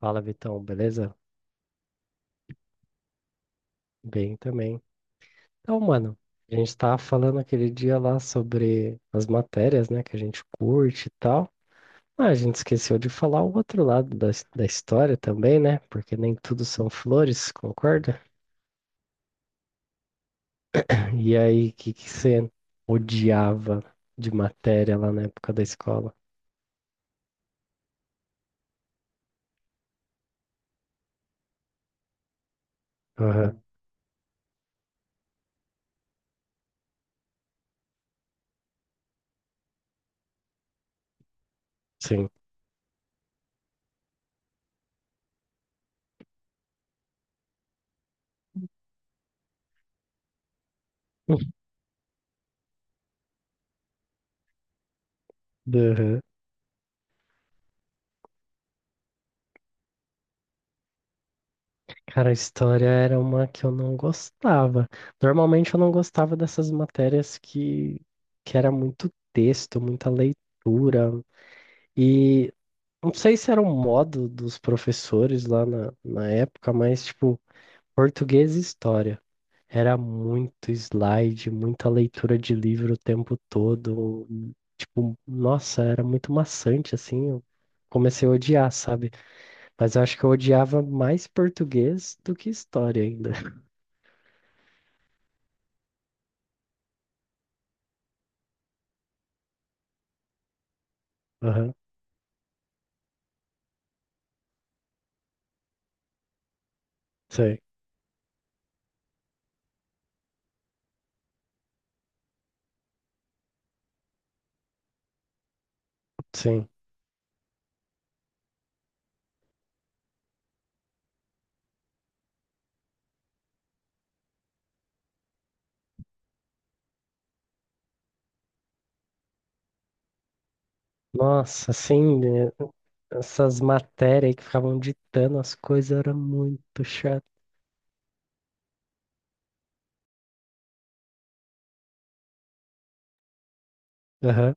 Fala, Vitão, beleza? Bem também. Então, mano, a gente tava falando aquele dia lá sobre as matérias, né, que a gente curte e tal. Ah, a gente esqueceu de falar o outro lado da história também, né? Porque nem tudo são flores, concorda? E aí, o que que você odiava de matéria lá na época da escola? Aham, sim. Aham. Cara, a história era uma que eu não gostava. Normalmente eu não gostava dessas matérias que era muito texto, muita leitura. E não sei se era um modo dos professores lá na época, mas tipo, português e história. Era muito slide, muita leitura de livro o tempo todo. Tipo, nossa, era muito maçante assim. Eu comecei a odiar, sabe? Mas eu acho que eu odiava mais português do que história ainda. Aham, sei, sim. Nossa, assim, né, essas matérias aí que ficavam ditando as coisas era muito chato. Aham.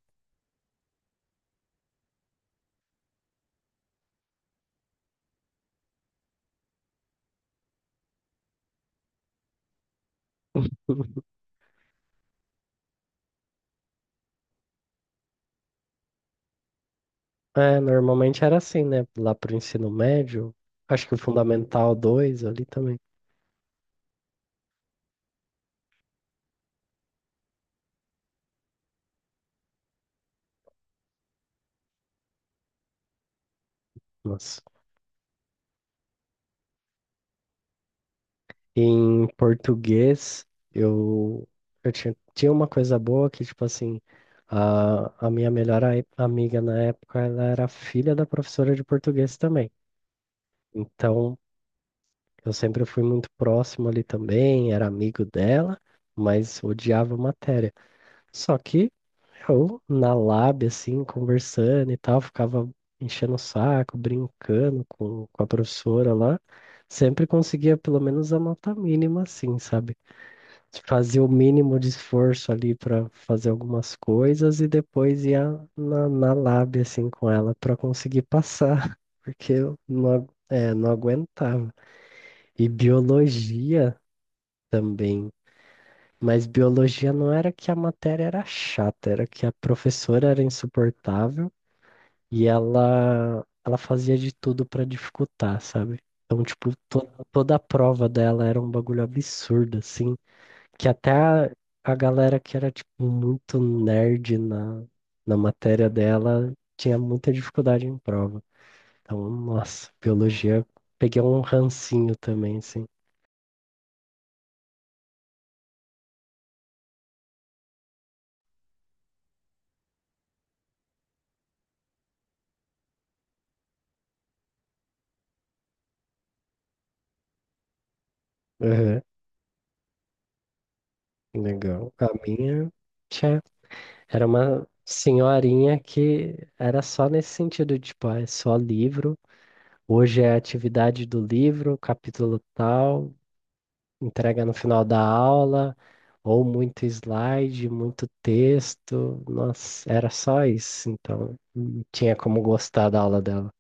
É, normalmente era assim, né? Lá pro ensino médio, acho que o Fundamental 2 ali também. Nossa. Em português, eu, eu tinha uma coisa boa que, tipo assim, a minha melhor amiga na época, ela era filha da professora de português também. Então, eu sempre fui muito próximo ali também, era amigo dela, mas odiava matéria. Só que eu, na lab, assim, conversando e tal, ficava enchendo o saco, brincando com a professora lá, sempre conseguia pelo menos a nota mínima, assim, sabe? Fazia o mínimo de esforço ali para fazer algumas coisas e depois ia na lab, assim, com ela para conseguir passar, porque eu não aguentava. E biologia também. Mas biologia não era que a matéria era chata, era que a professora era insuportável e ela fazia de tudo para dificultar, sabe? Então, tipo, toda a prova dela era um bagulho absurdo, assim, que até a galera que era, tipo, muito nerd na matéria dela tinha muita dificuldade em prova. Então, nossa, biologia, peguei um rancinho também, assim. Legal. A minha, tchá, era uma senhorinha que era só nesse sentido, tipo, ah, é só livro. Hoje é a atividade do livro, capítulo tal, entrega no final da aula, ou muito slide, muito texto. Nossa, era só isso, então não tinha como gostar da aula dela.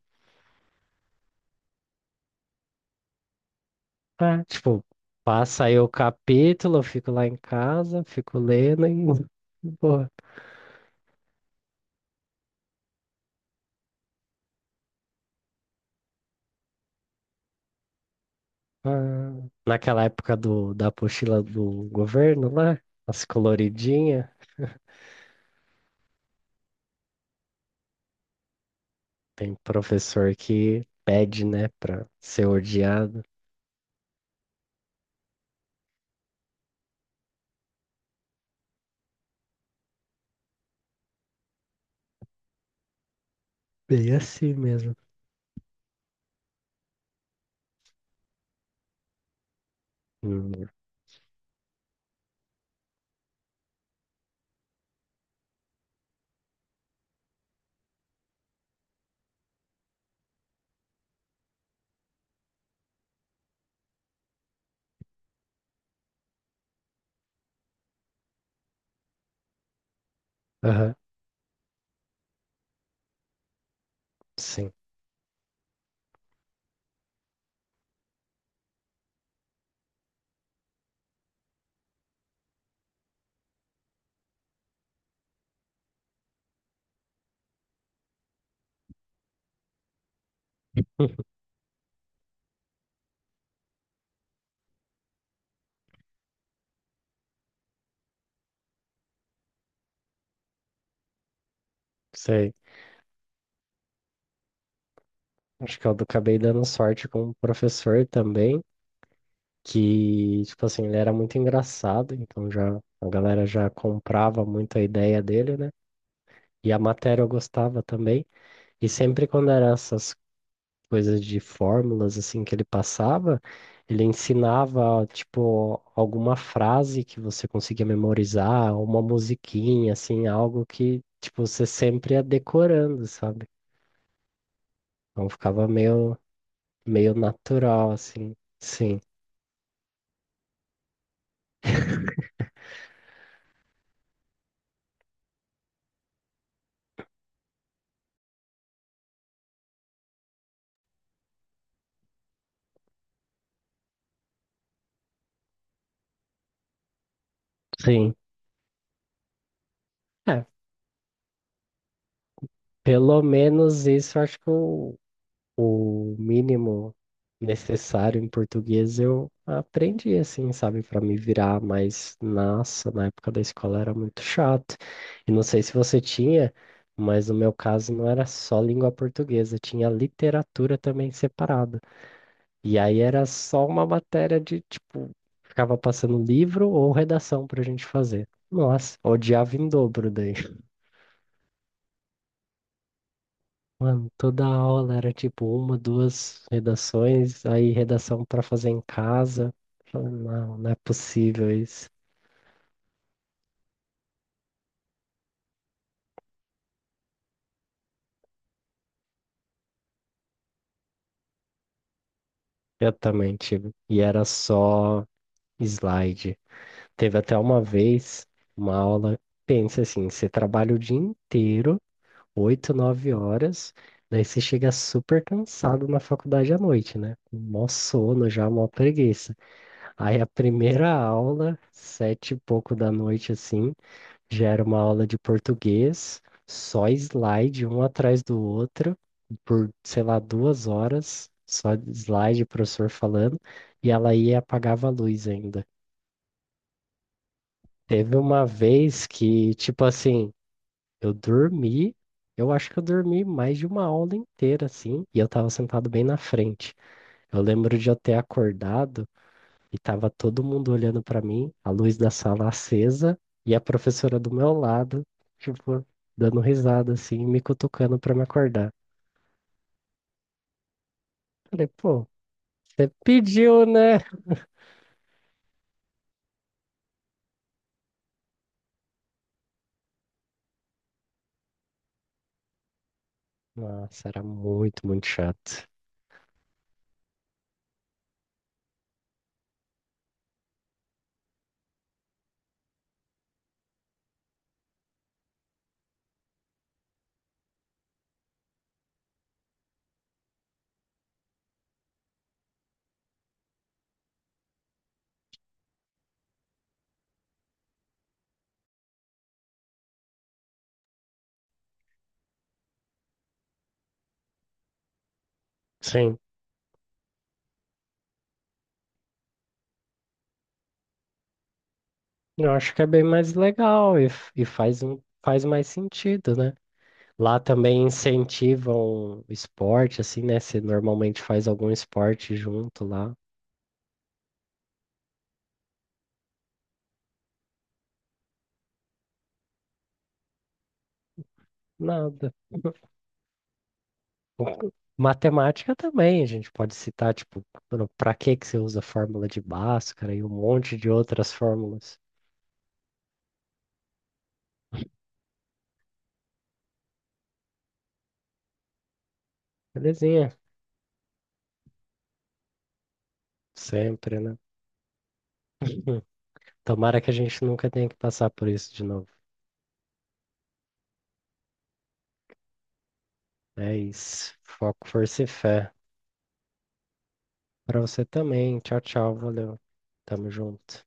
Ah, tipo, passa aí o capítulo, eu fico lá em casa, fico lendo e pô. Ah, naquela época da apostila do governo lá, as coloridinhas, tem professor que pede, né, pra ser odiado. Bem assim mesmo. Hum, Aham, sim, sei. Acho que eu acabei dando sorte com um professor também, que, tipo assim, ele era muito engraçado, então já a galera já comprava muito a ideia dele, né? E a matéria eu gostava também. E sempre quando era essas coisas de fórmulas assim que ele passava, ele ensinava tipo alguma frase que você conseguia memorizar, uma musiquinha assim, algo que tipo você sempre ia decorando, sabe? Então ficava meio natural assim. Sim. Sim. É, pelo menos isso eu acho que o mínimo necessário em português eu aprendi assim, sabe, para me virar, mas nossa, na época da escola era muito chato. E não sei se você tinha, mas no meu caso não era só língua portuguesa, tinha literatura também separada. E aí era só uma matéria de tipo, ficava passando livro ou redação pra gente fazer. Nossa, odiava em dobro daí. Mano, toda aula era tipo uma, duas redações, aí redação pra fazer em casa. Falei, não, não é possível isso. Eu também tive. E era só slide. Teve até uma vez uma aula, pensa assim, você trabalha o dia inteiro, 8, 9 horas, daí você chega super cansado na faculdade à noite, né? Com mó sono já, mó preguiça. Aí a primeira aula, 7 e pouco da noite, assim, gera uma aula de português, só slide um atrás do outro, por, sei lá, 2 horas, só slide, o professor falando, e ela ia e apagava a luz ainda. Teve uma vez que, tipo assim, eu dormi, eu acho que eu dormi mais de uma aula inteira, assim, e eu tava sentado bem na frente. Eu lembro de eu ter acordado. E tava todo mundo olhando pra mim, a luz da sala acesa e a professora do meu lado, tipo, dando risada assim, me cutucando pra me acordar. Falei, pô, você pediu, né? Nossa, era muito, muito chato. Sim, eu acho que é bem mais legal e faz mais sentido, né? Lá também incentivam o esporte, assim, né? Você normalmente faz algum esporte junto lá. Nada. Matemática também, a gente pode citar, tipo, para que que você usa a fórmula de Bhaskara e um monte de outras fórmulas. Belezinha, sempre, né? Tomara que a gente nunca tenha que passar por isso de novo. É isso. Foco, força e fé. Para você também. Tchau, tchau. Valeu. Tamo junto.